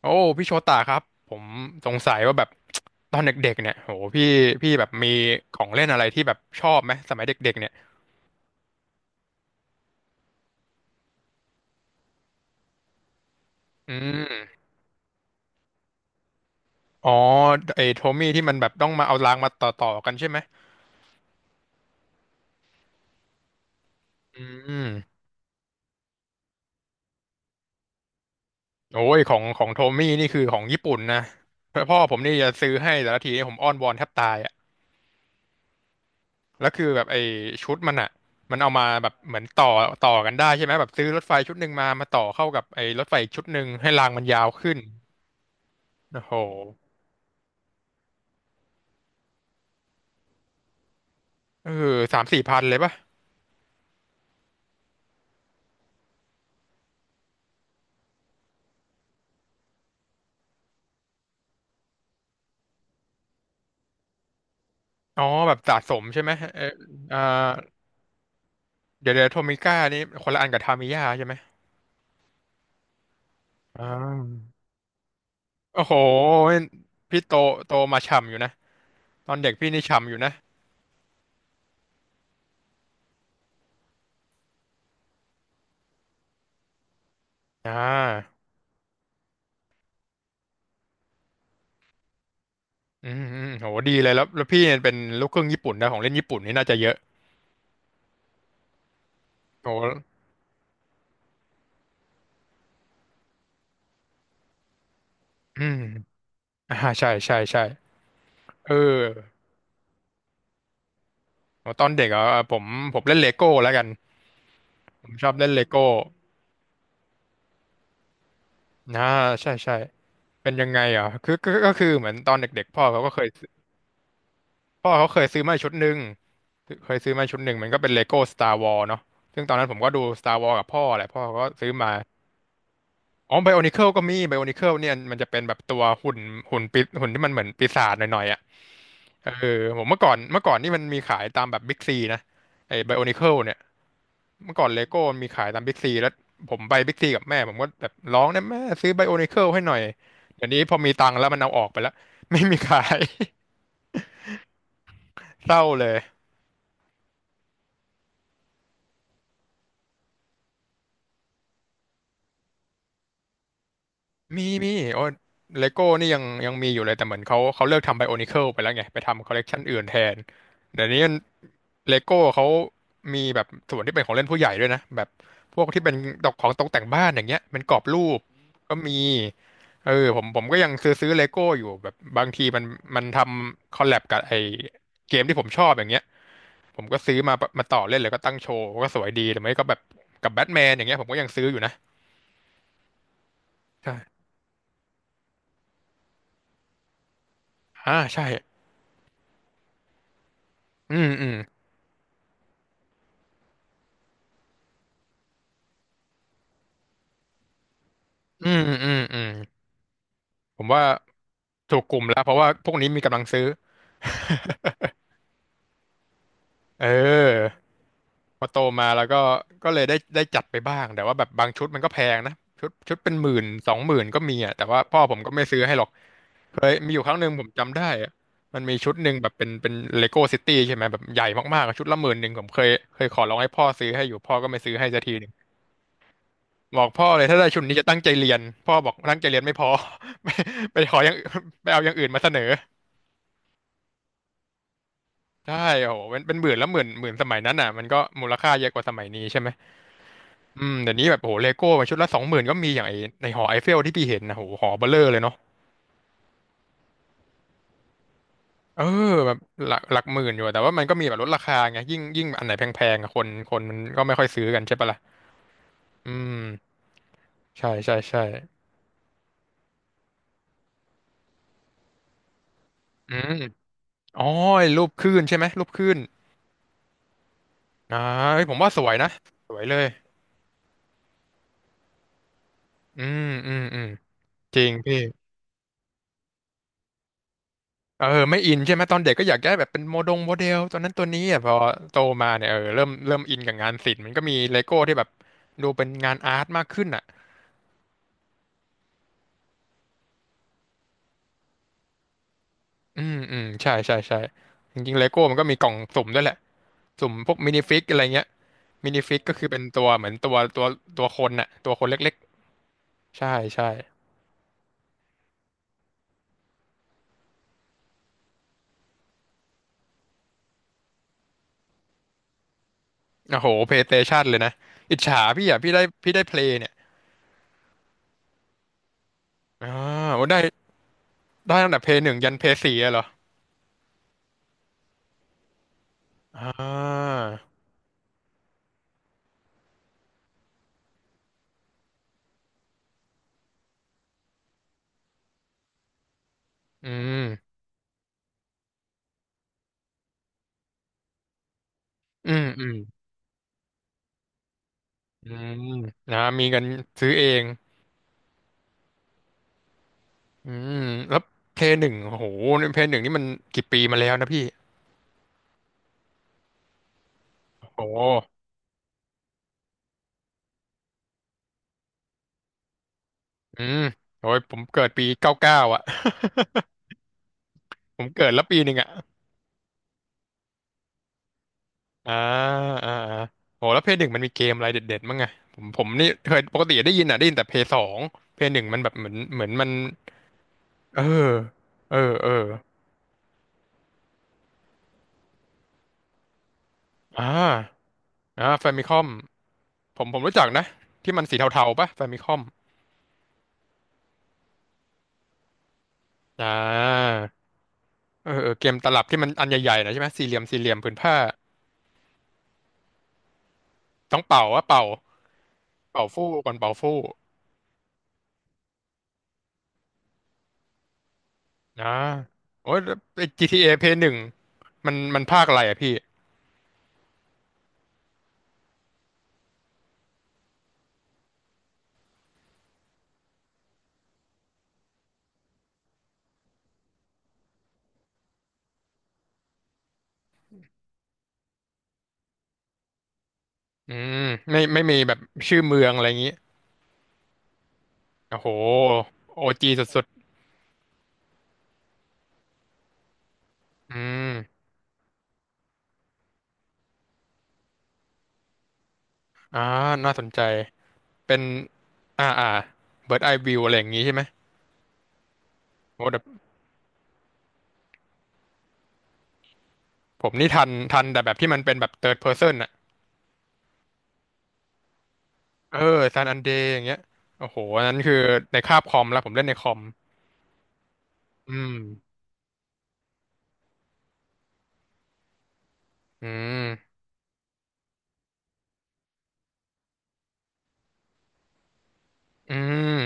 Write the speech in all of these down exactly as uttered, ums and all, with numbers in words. โอ้พี่โชตาครับผมสงสัยว่าแบบ ตอนเด็กๆเนี่ยโหพี่พี่แบบมีของเล่นอะไรที่แบบชอบไหมสมัยเด็กๆเนี่ยอืมอ๋อไอ้โทมี่ที่มันแบบต้องมาเอารางมาต่อต่อกันใช่ไหมอืมโอ้ยของของโทมี่นี่คือของญี่ปุ่นนะพ่อผมนี่จะซื้อให้แต่ละทีนี่ผมอ้อนวอนแทบตายอ่ะแล้วคือแบบไอ้ชุดมันอ่ะมันเอามาแบบเหมือนต่อต่อกันได้ใช่ไหมแบบซื้อรถไฟชุดหนึ่งมามาต่อเข้ากับไอ้รถไฟอีกชุดหนึ่งให้รางมันยาวขึ้นโอ้โห เออสามสี่พันเลยป่ะอ๋อแบบสะสมใช่ไหมเอออ่าเดี๋ยวเดี๋ยวโทมิก้านี่คนละอันกับทามิยาใช่ไหมอ่าโอ้โหพี่โตโตมาฉ่ำอยู่นะตอนเด็กพี่นี่ฉ่ำอยู่นะอ่าอืมอืมโหดีเลยแล้วแล้วพี่เนี่ยเป็นลูกครึ่งญี่ปุ่นนะของเล่นญี่ปุ่นนี่น่าจะเยอะโหอืมอ่าใช่ใช่ใช่เออโหตอนเด็กอ่ะผมผมเล่นเลโก้แล้วกันผมชอบเล่นเลโก้นะใช่ใช่เป็นยังไงอ่ะคือก็ก็คือเหมือนตอนเด็กๆพ่อเขาก็เคย พ่อเขาเคยซื้อมาชุดหนึ่งเคยซื้อมาชุดหนึ่งมันก็เป็นเลโก้ Star Wars เนาะซึ่งตอนนั้นผมก็ดู Star Wars กับพ่อแหละพ่อก็ซื้อมาอ๋อไบโอนิเคิลก็มีไบโอนิเคิลเนี่ยมันจะเป็นแบบตัวหุ่นหุ่นปีหุ่นที่มันเหมือนปีศาจหน่อยๆอ่ะเออผมเมื่อก่อนเมื่อก่อนนี่มันมีขายตามแบบบิ๊กซีนะไอ้ไบโอนิเคิลเนี่ยเมื่อก่อนเลโก้มีขายตามบิ๊กซีแล้วผมไปบิ๊กซีกับแม่ผมก็แบบร้องนะแม่ซื้อไบโอนิเคิลให้หน่อยเดี๋ยวนี้พอมีตังค์แล้วมันเอาออกไปแล้ว ไม่มีขาย เศร้าเลย มีมีโอ้เลโก้นี่ยังยังมีอยู่เลยแต่เหมือนเขาเขาเลิกทำไบโอนิเคิลไปแล้วไงไปทำคอลเลกชันอื่นแทนเดี๋ยวนี้เลโก้เขามีแบบส่วนที่เป็นของเล่นผู้ใหญ่ด้วยนะแบบพวกที่เป็นตกของตกแต่งบ้านอย่างเงี้ยเป็นกรอบรูปก็มีเออผมผมก็ยังซื้อซื้อเลโก้อยู่แบบบางทีมันมันทำคอลแลบกับไอเกมที่ผมชอบอย่างเงี้ยผมก็ซื้อมามาต่อเล่นเลยก็ตั้งโชว์ก็สวยดีหรือไม่ก็แบบกับแบทแมนอย่างเงี้ยผมก็ยังซื้ออยู่นะใช่อ่าใช่อืมอืม อืมอืมอืมผมว่าถูกกลุ่มแล้วเพราะว่าพวกนี้มีกำลังซื้อเออพอโตมาแล้วก็ก็เลยได้ได้จัดไปบ้างแต่ว่าแบบบางชุดมันก็แพงนะชุดชุดเป็นหมื่นสองหมื่นก็มีอ่ะแต่ว่าพ่อผมก็ไม่ซื้อให้หรอกเคยมีอยู่ครั้งหนึ่งผมจำได้อะมันมีชุดหนึ่งแบบเป็นเป็นเลโก้ซิตี้ใช่ไหมแบบใหญ่มากๆอะชุดละหมื่นหนึ่งผมเคยเคยขอร้องให้พ่อซื้อให้อยู่พ่อก็ไม่ซื้อให้สักทีหนึ่งบอกพ่อเลยถ้าได้ชุดนี้จะตั้งใจเรียนพ่อบอกตั้งใจเรียนไม่พอ ไปไปขออย่างอื่นไปเอาอย่างอื่นมาเสนอ ใช่โอ้โหเป็นเป็นหมื่นแล้วหมื่นหมื่นสมัยนั้นอ่ะมันก็มูลค่าเยอะกว่าสมัยนี้ใช่ไหมอืมเดี๋ยวนี้แบบโอ้โหเลโก้ชุดละสองหมื่นก็มีอย่างไอในหอไอเฟลที่พี่เห็นนะโอ้โหหอเบ้อเร่อเลยเนาะเออแบบหลักหลักหมื่นอยู่อะแต่ว่ามันก็มีแบบลดราคาไงยิ่งยิ่งอันไหนแพงๆอะคนคนมันก็ไม่ค่อยซื้อกันใช่ปะล่ะอืมใช่ใช่ใช่อืมอ๋อไอ้รูปคลื่นใช่ไหมรูปคลื่นอ่าเฮ้ยผมว่าสวยนะสวยเลยอืมอืมอืมจริงพี่ เออไม่อินใช่ไหมตอนเด็กก็อยากได้แบบเป็นโมดงโมเดลตัวนั้นตัวนี้อ่ะพอโตมาเนี่ยเออเริ่มเริ่มอินกับงานศิลป์มันก็มีเลโก้ที่แบบดูเป็นงานอาร์ตมากขึ้นอ่ะอืมอืมใช่ใช่ใช่จริงๆเลโก้มันก็มีกล่องสุ่มด้วยแหละสุ่มพวกมินิฟิกอะไรเงี้ยมินิฟิกก็คือเป็นตัวเหมือนตัวตัวตัวคนน่ะตัวคนเล็กๆใช่ใช่โอ้โหเพลย์สเตชันเลยนะอิจฉาพี่อ่ะพี่ได้พี่ได้เพลย์เนี่ยอ่าโอ้ได้ได้ตั้งแต่เพลย์หนึ่งยันเพลย์สี่อะเหรออ่าอืมอืมอืม อืมนะมีกันซื้อเองอืมแล้วเพลย์หนึ่งโอ้โหเพลย์หนึ่งนี่มันกี่ปีมาแล้วนะพี่โอ้โหอืมโอ้ยผมเกิดปีเก้าเก้าอ่ะ ผมเกิดแล้วปีหนึ่งอ่ะอ่าอ่าอ่าโอ้แล้วเพย์หนึ่งมันมีเกมอะไรเด็ดๆมั้งไงผมผมนี่เคยปกติได้ยินอ่ะได้ยินแต่เพย์สองเพย์หนึ่งมันแบบเหมือนเหมือนมันเออเออเอออ่าอ่าแฟมิคอมผมผมรู้จักนะที่มันสีเทาๆปะแฟมิคอมอ่า เออเออเกมตลับที่มันอันใหญ่ๆหนะใช่ไหมสี่เหลี่ยมสี่เหลี่ยมผืนผ้าต้องเป่าว่าเป่าเป่าฟู่ก่อนเป่าฟู่นะโอ้ยแล้วไอ้ จี ที เอ Play หนึ่งมันมันภาคอะไรอ่ะพี่อืมไม่ไม่มีแบบชื่อเมืองอะไรอย่างงี้โอ้โหโอจีสุดๆอืมอ่าน่าสนใจเป็นอ่าอ่าเบิร์ดไอวิวอะไรอย่างงี้ใช่ไหมโอ้แต่ผมนี่ทันทันแต่แบบที่มันเป็นแบบเ h ิร์ดเพอร์เซนอ่ะเออซานอันเดย์อย่างเงี้ยโอ้โหอันนั้นคือในคาบคอมแล้วผมเล่นในคอมอืม อืมอืม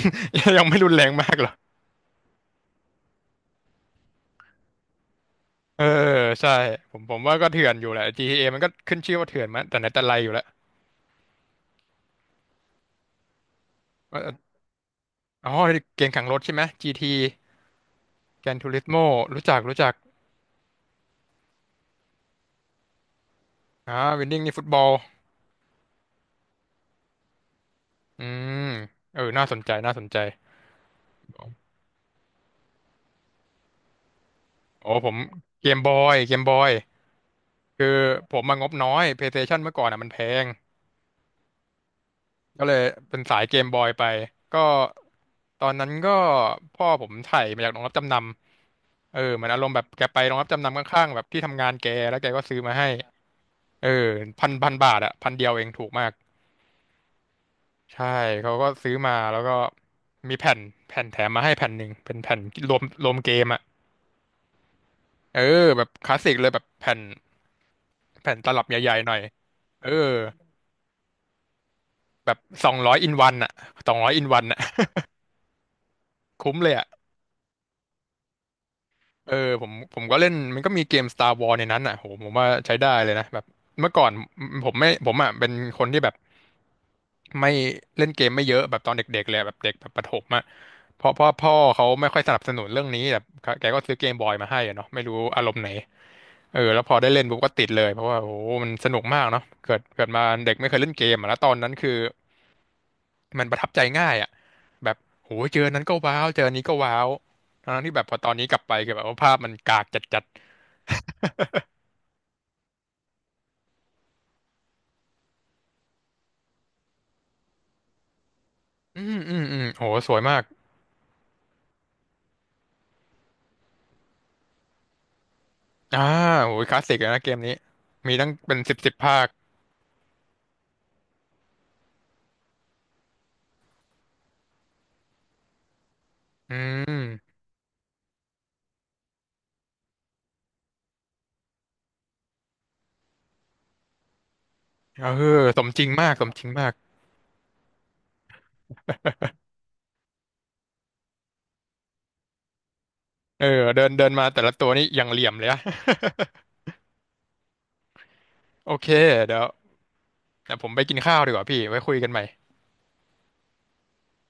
ยังไม่รุนแรงมากเหรอ เออใช่ผมผมว่าก็เถื่อนอยู่แหละ จี ที เอ มันก็ขึ้นชื่อว่าเถื่อนมาแต่ไหนแต่ไรอยู่แล้วว่าอ๋อเกมแข่งรถใช่ไหม จี ที Gran Turismo รู้จักรู้จักอ่าวินนิ่งนี่ฟุตบอลอืมเออน่าสนใจน่าสนใจโอ้ผมเกมบอยเกมบอยคือผมมางบน้อย PlayStation เมื่อก่อนอ่ะมันแพงก็เลยเป็นสายเกมบอยไปก็ตอนนั้นก็พ่อผมไถ่มาจากโรงรับจำนำ เออเหมือนอารมณ์แบบแกไปโรงรับจำนำข้างๆแบบที่ทำงานแกแล้วแกก็ซื้อมาให้เออพันพันบาทอะพันเดียวเองถูกมาก ใช่เขาก็ซื้อมาแล้วก็มีแผ่นแผ่นแถมมาให้แผ่นหนึ่งเป็นแผ่นรวมรวมเกมอะเออแบบคลาสสิกเลยแบบแผ่นแผ่นตลับใหญ่ๆหน่อยเออแบบสองร้อยอินวันอะสองร้อยอินวันอะคุ้มเลยอะเออผมผมก็เล่นมันก็มีเกม Star Wars ในนั้นอะโหผมว่าใช้ได้เลยนะแบบเมื่อก่อนผมไม่ผมอะเป็นคนที่แบบ ไม่เล่นเกมไม่เยอะแบบตอนเด็กๆเลยแบบเด็กแบบประถมอะเพราะพ่อพ่อเขาไม่ค่อยสนับสนุนเรื่องนี้แบบแกก็ซื้อเกมบอยมาให้อะเนาะไม่รู้อารมณ์ไหนเออแล้วพอได้เล่นปุ๊บก็ติดเลยเพราะว่าโอ้โหมันสนุกมากเนาะเกิดเกิดมาเด็กไม่เคยเล่นเกมอะแล้วตอนนั้นคือมันประทับใจง่ายอะแบบโหเจอนนั้นก็ว้าวเจออันนี้ก็ว้าวทั้งที่แบบพอตอนนี้กลับไปคือแบบว่าภาพมันกากจัดๆอืมอืมอืมโหสวยมากอ่าโหคลาสสิกเลยนะเกมนี้มีตั้งเป็นสิบสิบภาคอืม เออสมจริงมากสมจริงมากเออเดินเดินมาแต่ละตัวนี่อย่างเหลี่ยมเลยอะ โอเคเดี๋ยวเดี๋ยวผมไปกินข้าวดีกว่าพี่ไว้คุยกันใหม่